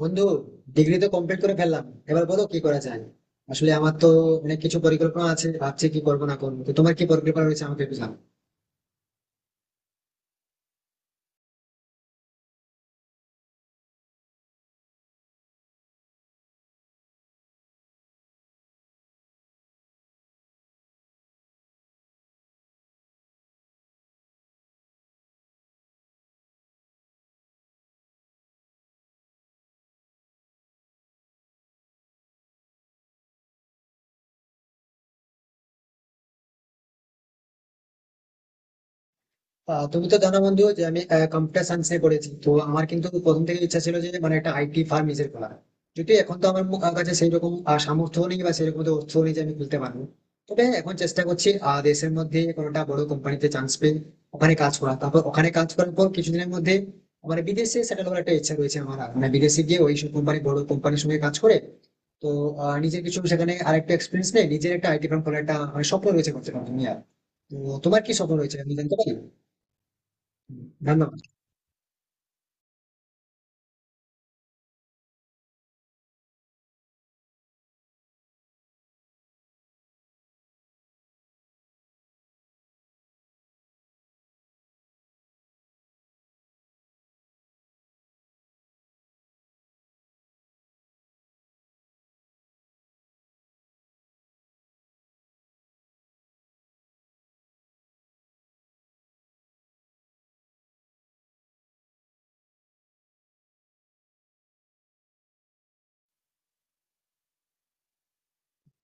বন্ধু, ডিগ্রি তো কমপ্লিট করে ফেললাম। এবার বলো কি করা যায়। আসলে আমার তো অনেক কিছু পরিকল্পনা আছে, ভাবছি কি করবো না করবো। তো তোমার কি পরিকল্পনা রয়েছে আমাকে একটু জানাও। তুমি তো জানো বন্ধু যে আমি কম্পিউটার সায়েন্সে পড়েছি। তো আমার কিন্তু প্রথম থেকে ইচ্ছা ছিল যে মানে একটা আইটি ফার্ম নিজের খোলা। যদি এখন তো আমার কাছে সেই রকম সামর্থ্য নেই বা সেরকম তো অর্থ নেই যে আমি খুলতে পারবো। তবে হ্যাঁ, এখন চেষ্টা করছি দেশের মধ্যে কোনোটা বড় কোম্পানিতে চান্স পেয়ে ওখানে কাজ করা, তারপর ওখানে কাজ করার পর কিছুদিনের মধ্যে আমার বিদেশে সেটেল হওয়ার একটা ইচ্ছা রয়েছে। আমার মানে বিদেশে গিয়ে ওই সব কোম্পানি, বড় কোম্পানির সঙ্গে কাজ করে তো নিজের কিছু সেখানে আরেকটা এক্সপিরিয়েন্স নেই, নিজের একটা আইটি ফার্ম খোলার একটা মানে স্বপ্ন রয়েছে, করতে পারবো তুমি আর। তো তোমার কি স্বপ্ন রয়েছে আমি জানতে পারি? ধন্যবাদ।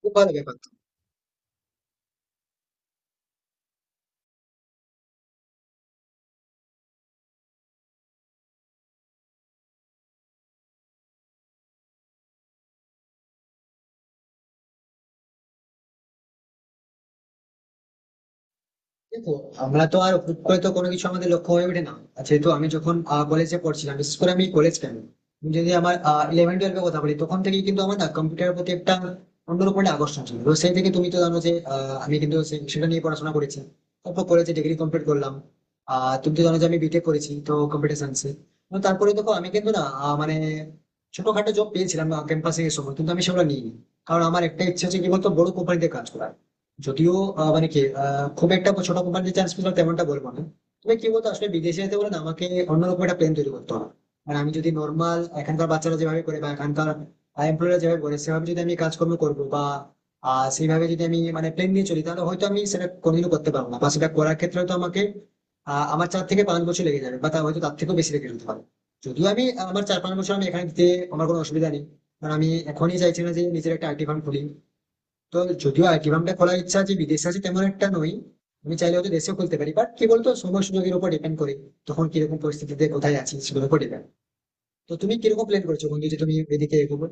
খুব ভালো ব্যাপার তো। দেখো, আমরা তো আর হুট করে তো কোনো কিছু আমাদের লক্ষ্য হয়ে ওঠে না। আর যেহেতু আমি যখন কলেজে পড়ছিলাম, বিশেষ করে আমি কলেজ কেন, আমি যদি আমার ইলেভেন টুয়েলভ এর কথা বলি, তখন থেকেই কিন্তু আমার না কম্পিউটারের প্রতি একটা অন্যরকম একটা আকর্ষণ ছিল। তো সেই থেকে তুমি তো জানো যে আমি কিন্তু সেটা নিয়ে পড়াশোনা করেছি। তারপর কলেজে ডিগ্রি কমপ্লিট করলাম। আহ, তুমি তো জানো যে আমি বিটেক করেছি তো কম্পিউটার সায়েন্সে। তারপরে দেখো আমি কিন্তু না মানে ছোটখাটো জব পেয়েছিলাম ক্যাম্পাসে এই সময়, কিন্তু আমি সেগুলো নিইনি। কারণ আমার একটা ইচ্ছে হচ্ছে কি বলতো, বড় কোম্পানিতে কাজ করার। যদিও মানে কি, খুব একটা ছোট কোম্পানিতে চান্স পেলাম তেমনটা বলবো না। তবে কি বলতো, আসলে বিদেশে যেতে বলে না আমাকে অন্যরকম একটা প্ল্যান তৈরি করতে হবে। মানে আমি যদি নর্মাল এখানকার বাচ্চারা যেভাবে করে বা এখানকার এমপ্লয়াররা যেভাবে করে সেভাবে যদি আমি কাজকর্ম করবো বা সেইভাবে যদি আমি মানে প্ল্যান নিয়ে চলি, তাহলে হয়তো আমি সেটা কোনোদিনও করতে পারবো না। বা সেটা করার ক্ষেত্রে তো আমাকে আমার চার থেকে পাঁচ বছর লেগে যাবে, বা তা হয়তো তার থেকেও বেশি লেগে যেতে পারে। যদিও আমি আমার চার পাঁচ বছর আমি এখানে দিতে আমার কোনো অসুবিধা নেই। কারণ আমি এখনই চাইছি না যে নিজের একটা আইটি ফার্ম খুলি। তো যদিও আইটি খোলার ইচ্ছা যে বিদেশে আছে তেমন একটা নই। আমি চাইলে হয়তো দেশেও খুলতে পারি, বাট কি বলতো সময় সুযোগের উপর ডিপেন্ড করে। তখন কিরকম পরিস্থিতিতে কোথায় আছি সেগুলোর উপর ডিপেন্ড। তো তুমি কিরকম প্ল্যান করছো বন্ধু যে তুমি এদিকে এগোবে?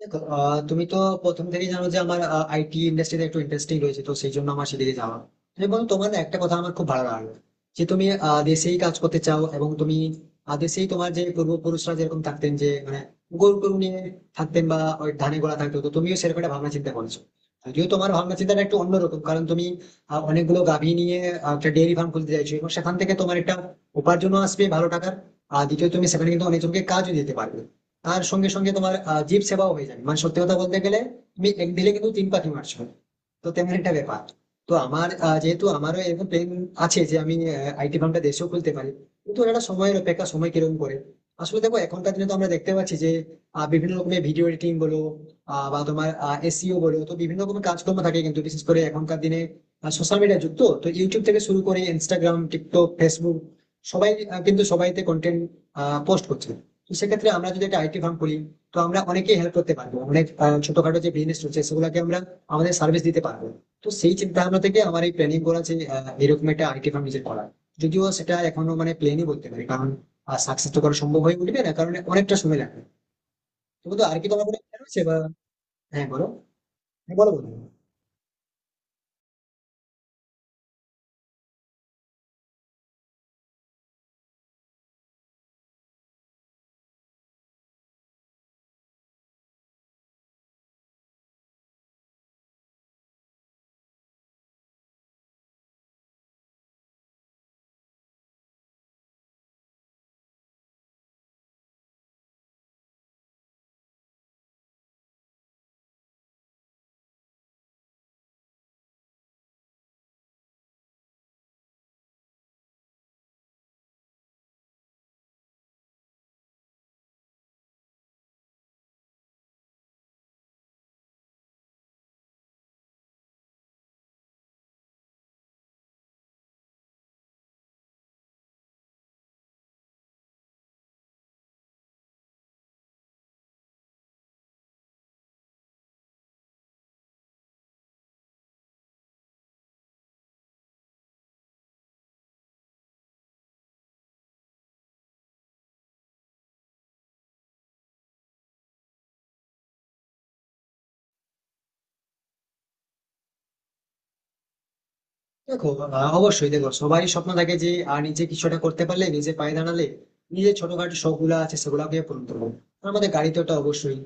দেখো, তুমি তো প্রথম থেকেই জানো যে আমার আইটি ইন্ডাস্ট্রিতে একটু ইন্টারেস্টিং রয়েছে। তো সেই জন্য আমার সেদিকে যাওয়া। এবং তোমার না একটা কথা আমার খুব ভালো লাগলো যে তুমি দেশেই কাজ করতে চাও এবং তুমি দেশেই তোমার যে পূর্বপুরুষরা যেরকম থাকতেন যে মানে গরু গরু নিয়ে থাকতেন বা ওই ধানে গোলা থাকতো, তো তুমিও সেরকম একটা ভাবনা চিন্তা করছো। যদিও তোমার ভাবনা চিন্তাটা একটু অন্যরকম, কারণ তুমি অনেকগুলো গাভী নিয়ে একটা ডেয়ারি ফার্ম খুলতে চাইছো এবং সেখান থেকে তোমার একটা উপার্জনও আসবে ভালো টাকার। আর দ্বিতীয়, তুমি সেখানে কিন্তু অনেকজনকে কাজও দিতে পারবে। আর সঙ্গে সঙ্গে তোমার জীব সেবাও হয়ে যাবে। মানে সত্যি কথা বলতে গেলে তুমি এক দিলে কিন্তু তিন পাখি মারছো। তো তেমন একটা ব্যাপার। তো আমার যেহেতু আমারও এরকম প্ল্যান আছে যে আমি আইটি ফার্মটা দেশেও খুলতে পারি, কিন্তু এটা একটা সময়ের অপেক্ষা, সময় কিরকম করে। আসলে দেখো এখনকার দিনে তো আমরা দেখতে পাচ্ছি যে বিভিন্ন রকমের ভিডিও এডিটিং বলো, বা তোমার এসইও বলো, তো বিভিন্ন রকমের কাজকর্ম থাকে। কিন্তু বিশেষ করে এখনকার দিনে সোশ্যাল মিডিয়া যুক্ত, তো ইউটিউব থেকে শুরু করে ইনস্টাগ্রাম, টিকটক, ফেসবুক সবাই কিন্তু সবাইতে কন্টেন্ট পোস্ট করছে। তো সেক্ষেত্রে আমরা যদি একটা আইটি ফার্ম খুলি, তো আমরা অনেকেই হেল্প করতে পারবো। অনেক ছোটখাটো যে বিজনেস রয়েছে সেগুলোকে আমরা আমাদের সার্ভিস দিতে পারবে। তো সেই চিন্তা ভাবনা থেকে আমার এই প্ল্যানিং করা যে এরকম একটা আইটি ফার্ম নিজের করা। যদিও সেটা এখনো মানে প্ল্যানই বলতে পারি, কারণ সাকসেস তো করা সম্ভব হয়ে উঠবে না, কারণ অনেকটা সময় লাগবে। তবু তো আর কি, তোমার কোনো plan আছে বা? হ্যাঁ বলো। হ্যাঁ, বলো বলো। দেখো, অবশ্যই দেখো সবারই স্বপ্ন থাকে যে নিজে কিছুটা করতে পারলে, নিজে পায়ে দাঁড়ালে নিজের ছোটখাটো শখ গুলো আছে সেগুলোকে পূরণ করবো। আমাদের গাড়ি তো ওটা অবশ্যই।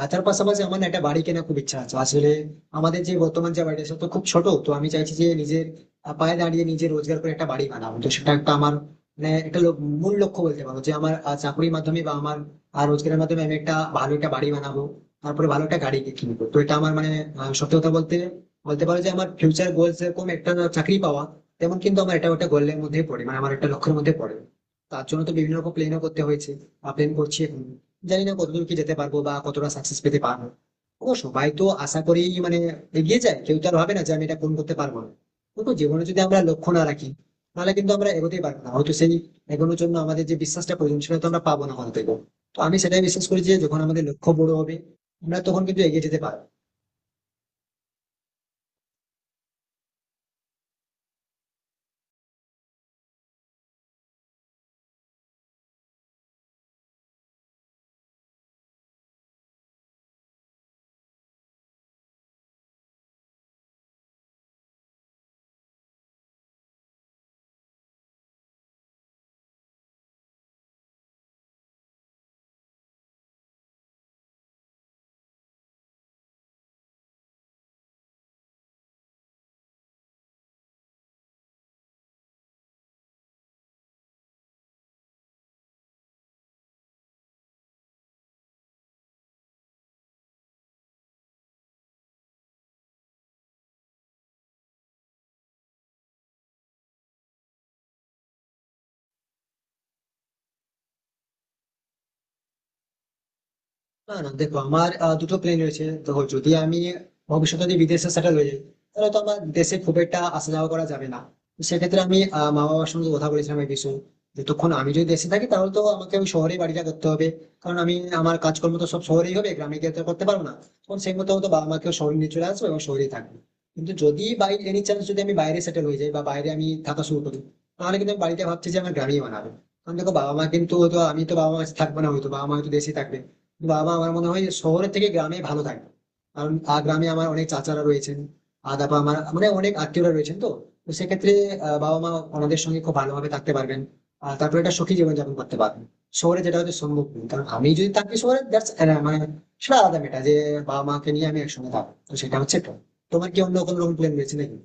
আর তার পাশাপাশি আমার না একটা বাড়ি কেনার খুব ইচ্ছা আছে। আসলে আমাদের যে বর্তমান যে বাড়িটা সেটা তো খুব ছোট। তো আমি চাইছি যে নিজের পায়ে দাঁড়িয়ে নিজে রোজগার করে একটা বাড়ি বানাবো। তো সেটা একটা আমার মানে মূল লক্ষ্য বলতে পারো, যে আমার চাকরির মাধ্যমে বা আমার রোজগারের মাধ্যমে আমি একটা ভালো একটা বাড়ি বানাবো। তারপরে ভালো একটা গাড়ি কিনবো। তো এটা আমার মানে সত্যি কথা বলতে বলতে পারো যে আমার ফিউচার গোলস এরকম, একটা চাকরি পাওয়া তেমন কিন্তু আমার, এটা ওটা গোলের মধ্যে পড়ে, মানে আমার একটা লক্ষ্যের মধ্যে পড়ে। তার জন্য তো বিভিন্ন রকম প্ল্যানও করতে হয়েছে বা প্ল্যান করছি এখন। জানি না কতদূর কি যেতে পারবো বা কতটা সাকসেস পেতে পারবো। ও সবাই তো আশা করেই মানে এগিয়ে যায়, কেউ তো আর ভাবে না যে আমি এটা পূরণ করতে পারবো না। কিন্তু জীবনে যদি আমরা লক্ষ্য না রাখি, তাহলে কিন্তু আমরা এগোতেই পারবো না। হয়তো সেই এগোনোর জন্য আমাদের যে বিশ্বাসটা প্রয়োজন সেটা তো আমরা পাবো না হয়তো। তো আমি সেটাই বিশ্বাস করি যে যখন আমাদের লক্ষ্য বড় হবে, আমরা তখন কিন্তু এগিয়ে যেতে পারবো। না না দেখো, আমার দুটো প্ল্যান রয়েছে। দেখো যদি আমি ভবিষ্যতে যদি বিদেশে সেটেল হয়ে যাই, তাহলে তো আমার দেশে খুব একটা আসা যাওয়া করা যাবে না। তো সেক্ষেত্রে আমি মা বাবার সঙ্গে কথা বলেছিলাম এই বিষয়ে। যতক্ষণ আমি যদি দেশে থাকি তাহলে তো আমাকে ওই শহরে বাড়িটা করতে হবে। কারণ আমি, আমার কাজকর্ম তো সব শহরেই হবে, গ্রামে গিয়ে তো আর করতে পারবো না। তখন সেই মতো হয়তো বাবা মাকেও শহরে নিয়ে চলে আসবো এবং শহরেই থাকবো। কিন্তু যদি বাই এনি চান্স যদি আমি বাইরে সেটেল হয়ে যাই বা বাইরে আমি থাকা শুরু করি, তাহলে কিন্তু আমি বাড়িতে ভাবছি যে আমার গ্রামেই বানাবো। কারণ দেখো বাবা মা কিন্তু হয়তো, আমি তো বাবা মা থাকবো না, হয়তো বাবা মা হয়তো দেশেই থাকবে। বাবা আমার মনে হয় শহরের থেকে গ্রামে ভালো থাকবে। কারণ গ্রামে আমার অনেক চাচারা রয়েছেন। আর তারপর আমার মানে অনেক আত্মীয়রা রয়েছেন তো। তো সেক্ষেত্রে বাবা মা ওনাদের সঙ্গে খুব ভালোভাবে থাকতে পারবেন। আর তারপরে একটা সুখী জীবনযাপন করতে পারবেন। শহরে যেটা হয়তো সম্ভব নয়, কারণ আমি যদি থাকি শহরে দ্যাটস মানে সেটা আলাদা মেটা যে বাবা মাকে নিয়ে আমি একসঙ্গে থাকবো। তো সেটা হচ্ছে এটা। তোমার কি অন্য কোনো রকম প্ল্যান রয়েছে নাকি?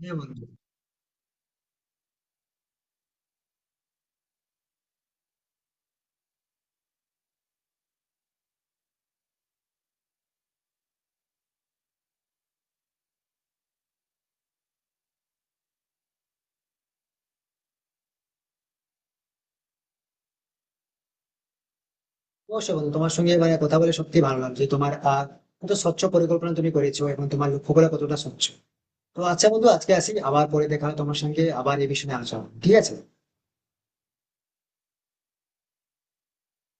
হ্যাঁ বন্ধু। অবশ্যই বন্ধু, তোমার সঙ্গে মানে কথা বলে সত্যি ভালো লাগছে। তোমার আহ, কত স্বচ্ছ পরিকল্পনা তুমি করেছো এবং তোমার লক্ষ্যগুলো কতটা স্বচ্ছ। তো আচ্ছা বন্ধু আজকে আসি, আবার পরে দেখা হয় তোমার সঙ্গে, আবার এই বিষয়ে আলোচনা হবে। ঠিক আছে?